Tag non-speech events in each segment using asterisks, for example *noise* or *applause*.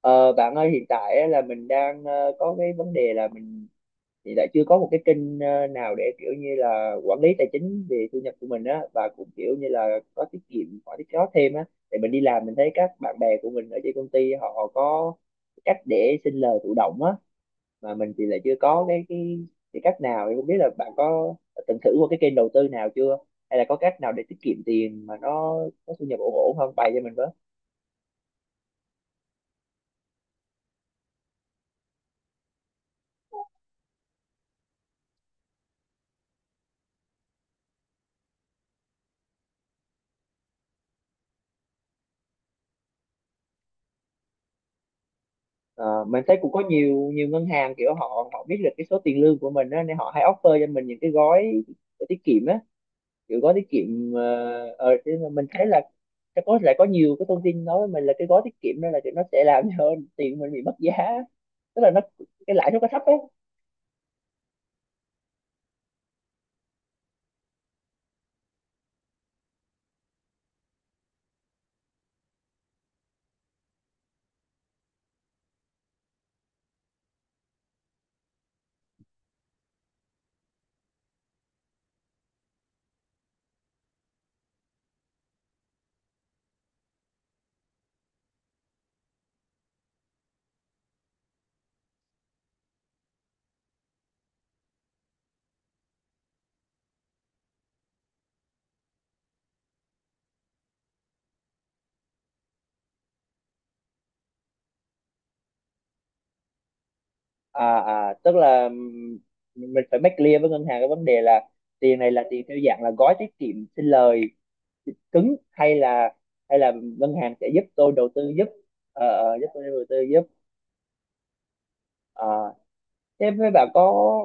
Ờ, Bạn ơi, hiện tại á là mình đang có cái vấn đề là mình hiện tại chưa có một cái kênh nào để kiểu như là quản lý tài chính về thu nhập của mình á, và cũng kiểu như là có tiết kiệm, có tiết kiệm thêm á. Thì mình đi làm mình thấy các bạn bè của mình ở trên công ty họ có cách để sinh lời thụ động á, mà mình thì lại chưa có cái cái cách nào, thì không biết là bạn có từng thử qua cái kênh đầu tư nào chưa, hay là có cách nào để tiết kiệm tiền mà nó có thu nhập ổn ổn không, bày cho mình. Ờ, mình thấy cũng có nhiều nhiều ngân hàng kiểu họ họ biết được cái số tiền lương của mình á, nên họ hay offer cho mình những cái gói tiết kiệm á, kiểu gói tiết kiệm thế mà mình thấy là sẽ có, lại có nhiều cái thông tin nói với mình là cái gói tiết kiệm đó là kiểu nó sẽ làm cho *laughs* tiền mình bị mất giá, tức là nó cái lãi suất nó thấp ấy. À, à tức là mình phải make clear với ngân hàng cái vấn đề là tiền này là tiền theo dạng là gói tiết kiệm sinh lời cứng, hay là ngân hàng sẽ giúp tôi đầu tư giúp. Giúp tôi đầu tư giúp. À, thế với bà có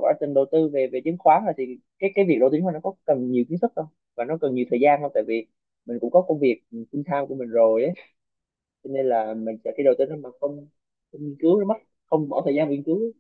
ở từng đầu tư về về chứng khoán rồi, thì cái việc đầu tư chứng khoán nó có cần nhiều kiến thức không, và nó cần nhiều thời gian không, tại vì mình cũng có công việc full time của mình rồi ấy. Cho nên là mình sẽ khi đầu tư nó mà không không nghiên cứu nó mất, không bỏ thời gian nghiên cứu ấy.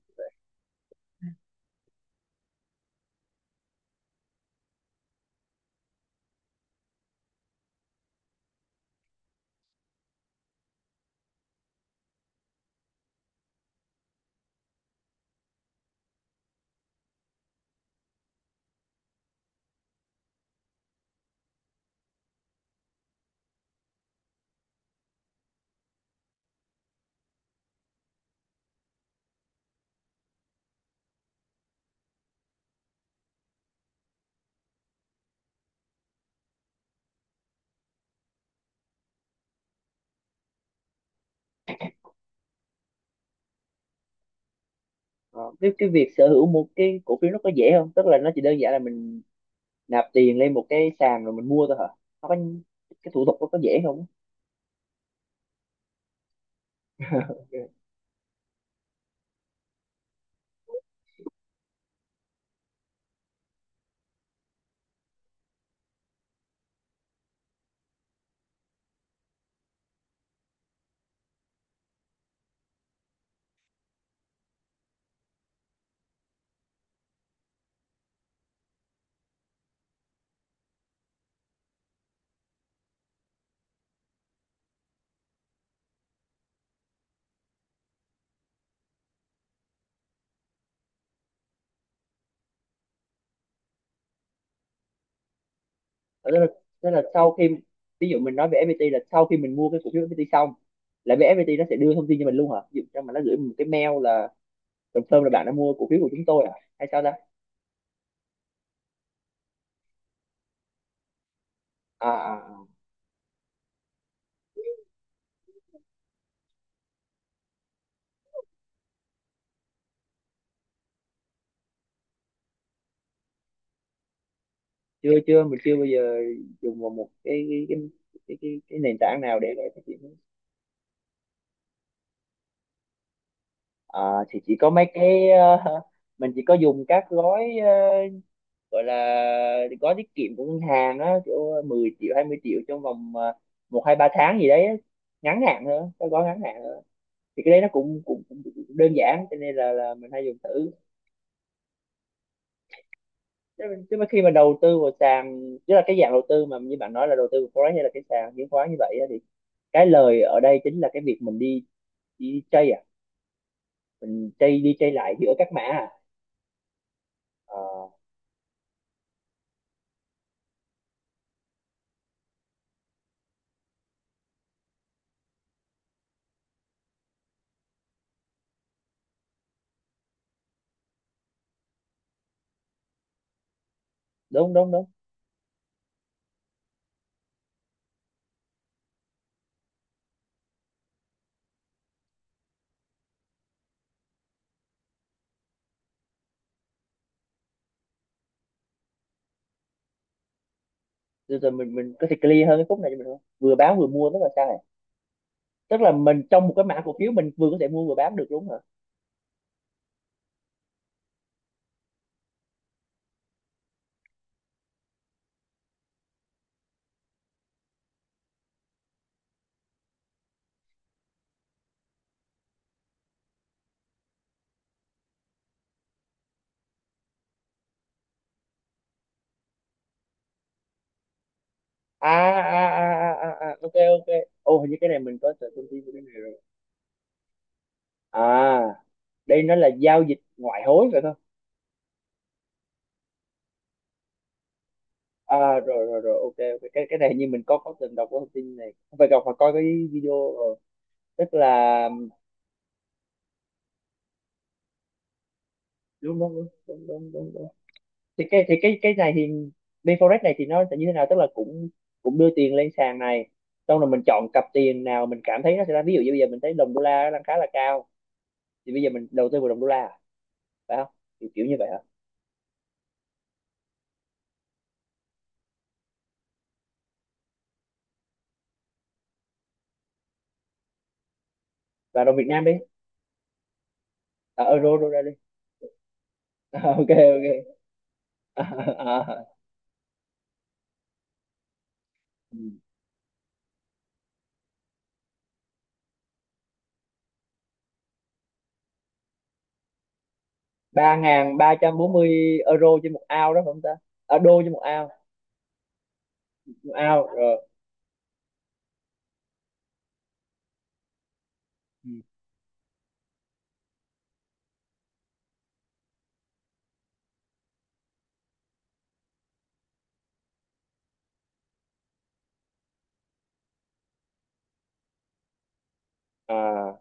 Ờ, cái việc sở hữu một cái cổ phiếu nó có dễ không, tức là nó chỉ đơn giản là mình nạp tiền lên một cái sàn rồi mình mua thôi hả? Nó có cái thủ tục nó có dễ không? *laughs* Thế là, thế là sau khi ví dụ mình nói về FPT, là sau khi mình mua cái cổ phiếu FPT xong là bên FPT nó sẽ đưa thông tin cho mình luôn hả? Ví dụ cho mà nó gửi mình một cái mail là confirm là bạn đã mua cổ phiếu của chúng tôi à? Hay sao ta? À, à, à. chưa chưa, mình chưa bao giờ dùng vào một cái cái nền tảng nào để phát triển. À, thì chỉ có mấy cái mình chỉ có dùng các gói gọi là gói tiết kiệm của ngân hàng á, kiểu 10 triệu 20 triệu trong vòng một hai ba tháng gì đấy á. Ngắn hạn thôi, cái gói ngắn hạn. Thì cái đấy nó cũng cũng đơn giản cho nên là mình hay dùng thử chứ, mà khi mà đầu tư vào sàn, tức là cái dạng đầu tư mà như bạn nói là đầu tư vào forex hay là cái sàn chứng khoán như vậy á, thì cái lời ở đây chính là cái việc mình đi đi chơi à, mình chơi đi chơi lại giữa các mã à? Ờ, đúng đúng đúng rồi, rồi mình có thể clear hơn cái khúc này cho mình không, vừa bán vừa mua tức là sao này, tức là mình trong một cái mã cổ phiếu mình vừa có thể mua vừa bán được đúng hả? À à à à à, à ok, ok. Ô, hình như cái này mình có sở thông tin về cái này rồi. À, đây nó là giao dịch ngoại hối phải không? À, rồi rồi rồi ok, ok, cái này như mình có từng đọc cái thông tin này, không phải đọc mà coi cái video rồi, tức là đúng đúng đúng đúng đúng đúng, đúng. Thì cái thì cái này thì BForex này thì nó sẽ như thế nào, tức là cũng cũng đưa tiền lên sàn này xong rồi mình chọn cặp tiền nào mình cảm thấy nó sẽ ra, ví dụ như bây giờ mình thấy đồng đô la nó đang khá là cao thì bây giờ mình đầu tư vào đồng đô la à? Phải không? Kiểu, kiểu như vậy hả? Và đồng Việt Nam đi. À, euro đô ra đi. *laughs* Ok, ok. *laughs* À, à, à. Ừ. Ba ngàn ba trăm bốn mươi euro trên một ao đó phải không ta? À, đô trên một ao. Một ao rồi. Ừ. À,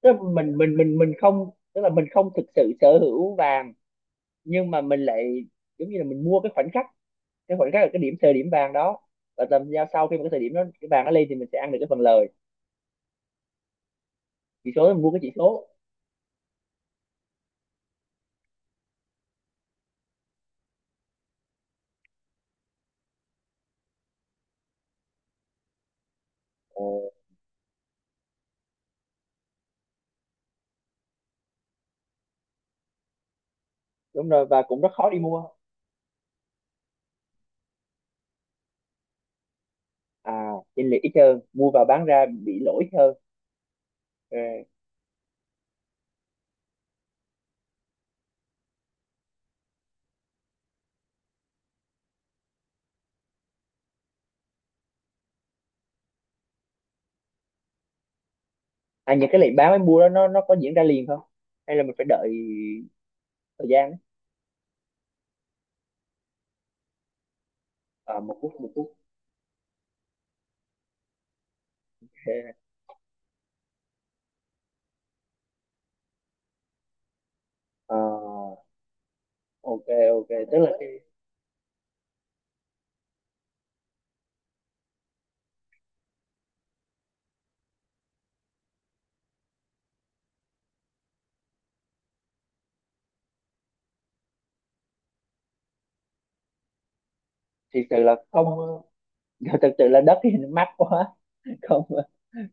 tức là mình không, tức là mình không thực sự sở hữu vàng, nhưng mà mình lại giống như là mình mua cái khoảnh khắc, cái khoảnh khắc là cái điểm thời điểm vàng đó, và tầm giao sau khi mà cái thời điểm đó cái vàng nó lên thì mình sẽ ăn được cái phần lời. Chỉ số, mình mua cái chỉ số. Ờ, đúng rồi và cũng rất khó đi mua. À, chênh lệch ít hơn, mua vào bán ra bị lỗi hơn. Ờ, à những cái lệnh bán với mua đó nó có diễn ra liền không, hay là mình phải đợi thời gian? À, một phút một phút. Dạ. Ờ, ok, ok tức là cái thì sự là không. *laughs* Thực sự là đất thì nó mắc quá. Không,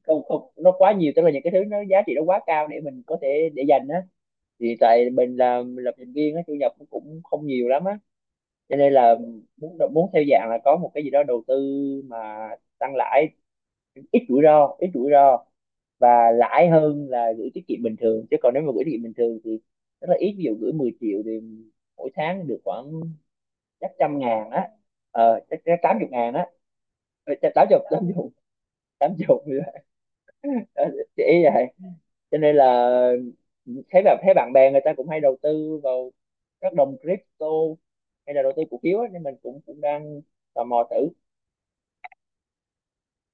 không không, nó quá nhiều, tức là những cái thứ nó giá trị nó quá cao để mình có thể để dành á. Thì tại mình là lập trình viên á, thu nhập nó cũng không nhiều lắm á, cho nên là muốn muốn theo dạng là có một cái gì đó đầu tư mà tăng lãi, ít rủi ro, ít rủi ro và lãi hơn là gửi tiết kiệm bình thường. Chứ còn nếu mà gửi tiết kiệm bình thường thì rất là ít, ví dụ gửi 10 triệu thì mỗi tháng được khoảng chắc trăm ngàn á. Ờ chắc, chắc tám chục ngàn á. Ờ, chắc tám chục tám chục, tám chục. *laughs* Ờ, chị ý vậy, cho nên là thấy bạn bè người ta cũng hay đầu tư vào các đồng crypto, hay là đầu tư cổ phiếu á, nên mình cũng cũng đang tò mò thử.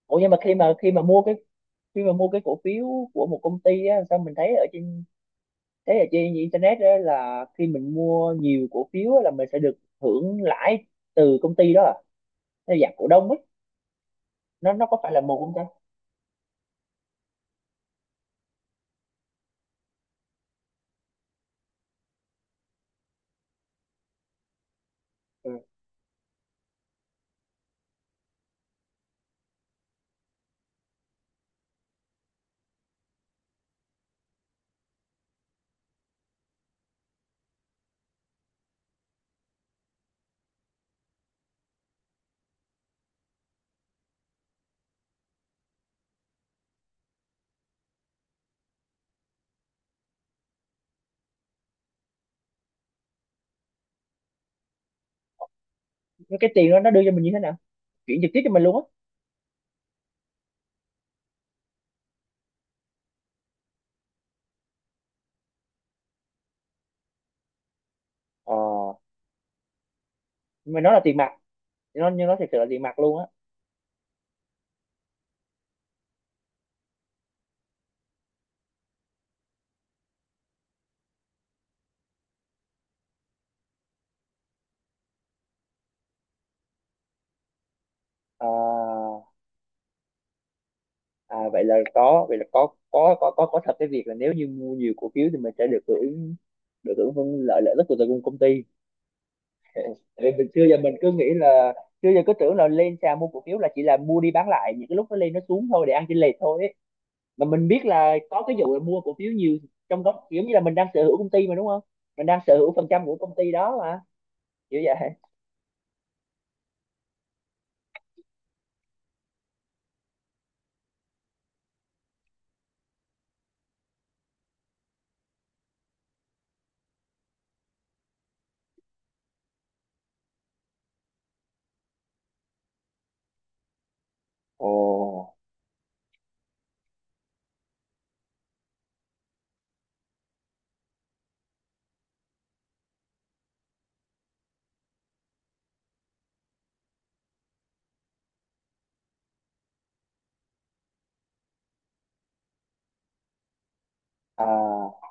Ủa nhưng mà khi mà khi mà mua cái khi mà mua cái cổ phiếu của một công ty á, sao mình thấy ở trên internet á là khi mình mua nhiều cổ phiếu á, là mình sẽ được hưởng lãi từ công ty đó à? Theo dạng cổ đông ấy. Nó có phải là một công ty. Ừ. Thế cái tiền đó nó đưa cho mình như thế nào, chuyển trực tiếp cho mình luôn á? Ờ, nhưng mà nó là tiền mặt, nó nhưng nó thật sự là tiền mặt luôn á? Ờ, à, vậy là có, vậy là có thật cái việc là nếu như mua nhiều cổ phiếu thì mình sẽ được hưởng, được hưởng phân lợi, lợi ích của từ công công ty. Tại vì mình xưa giờ mình cứ nghĩ là xưa giờ cứ tưởng là lên sàn mua cổ phiếu là chỉ là mua đi bán lại những cái lúc nó lên nó xuống thôi để ăn chênh lệch thôi ấy. Mà mình biết là có cái vụ là mua cổ phiếu nhiều, trong đó kiểu như là mình đang sở hữu công ty mà đúng không, mình đang sở hữu phần trăm của công ty đó mà, kiểu vậy. Ồ, à,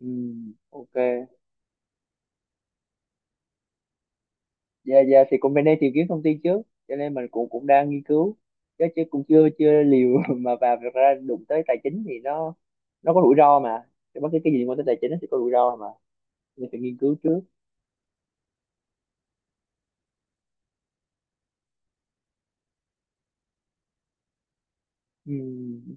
ừ, ok. Dạ, dạ, thì cũng bên đây tìm kiếm thông tin trước. Cho nên mình cũng cũng đang nghiên cứu. Chứ, chứ cũng chưa chưa liều *laughs* mà vào, thực ra đụng tới tài chính thì nó có rủi ro mà. Thì bất cứ cái gì liên quan tới tài chính nó sẽ có rủi ro mà. Nên phải nghiên cứu trước. Ừ,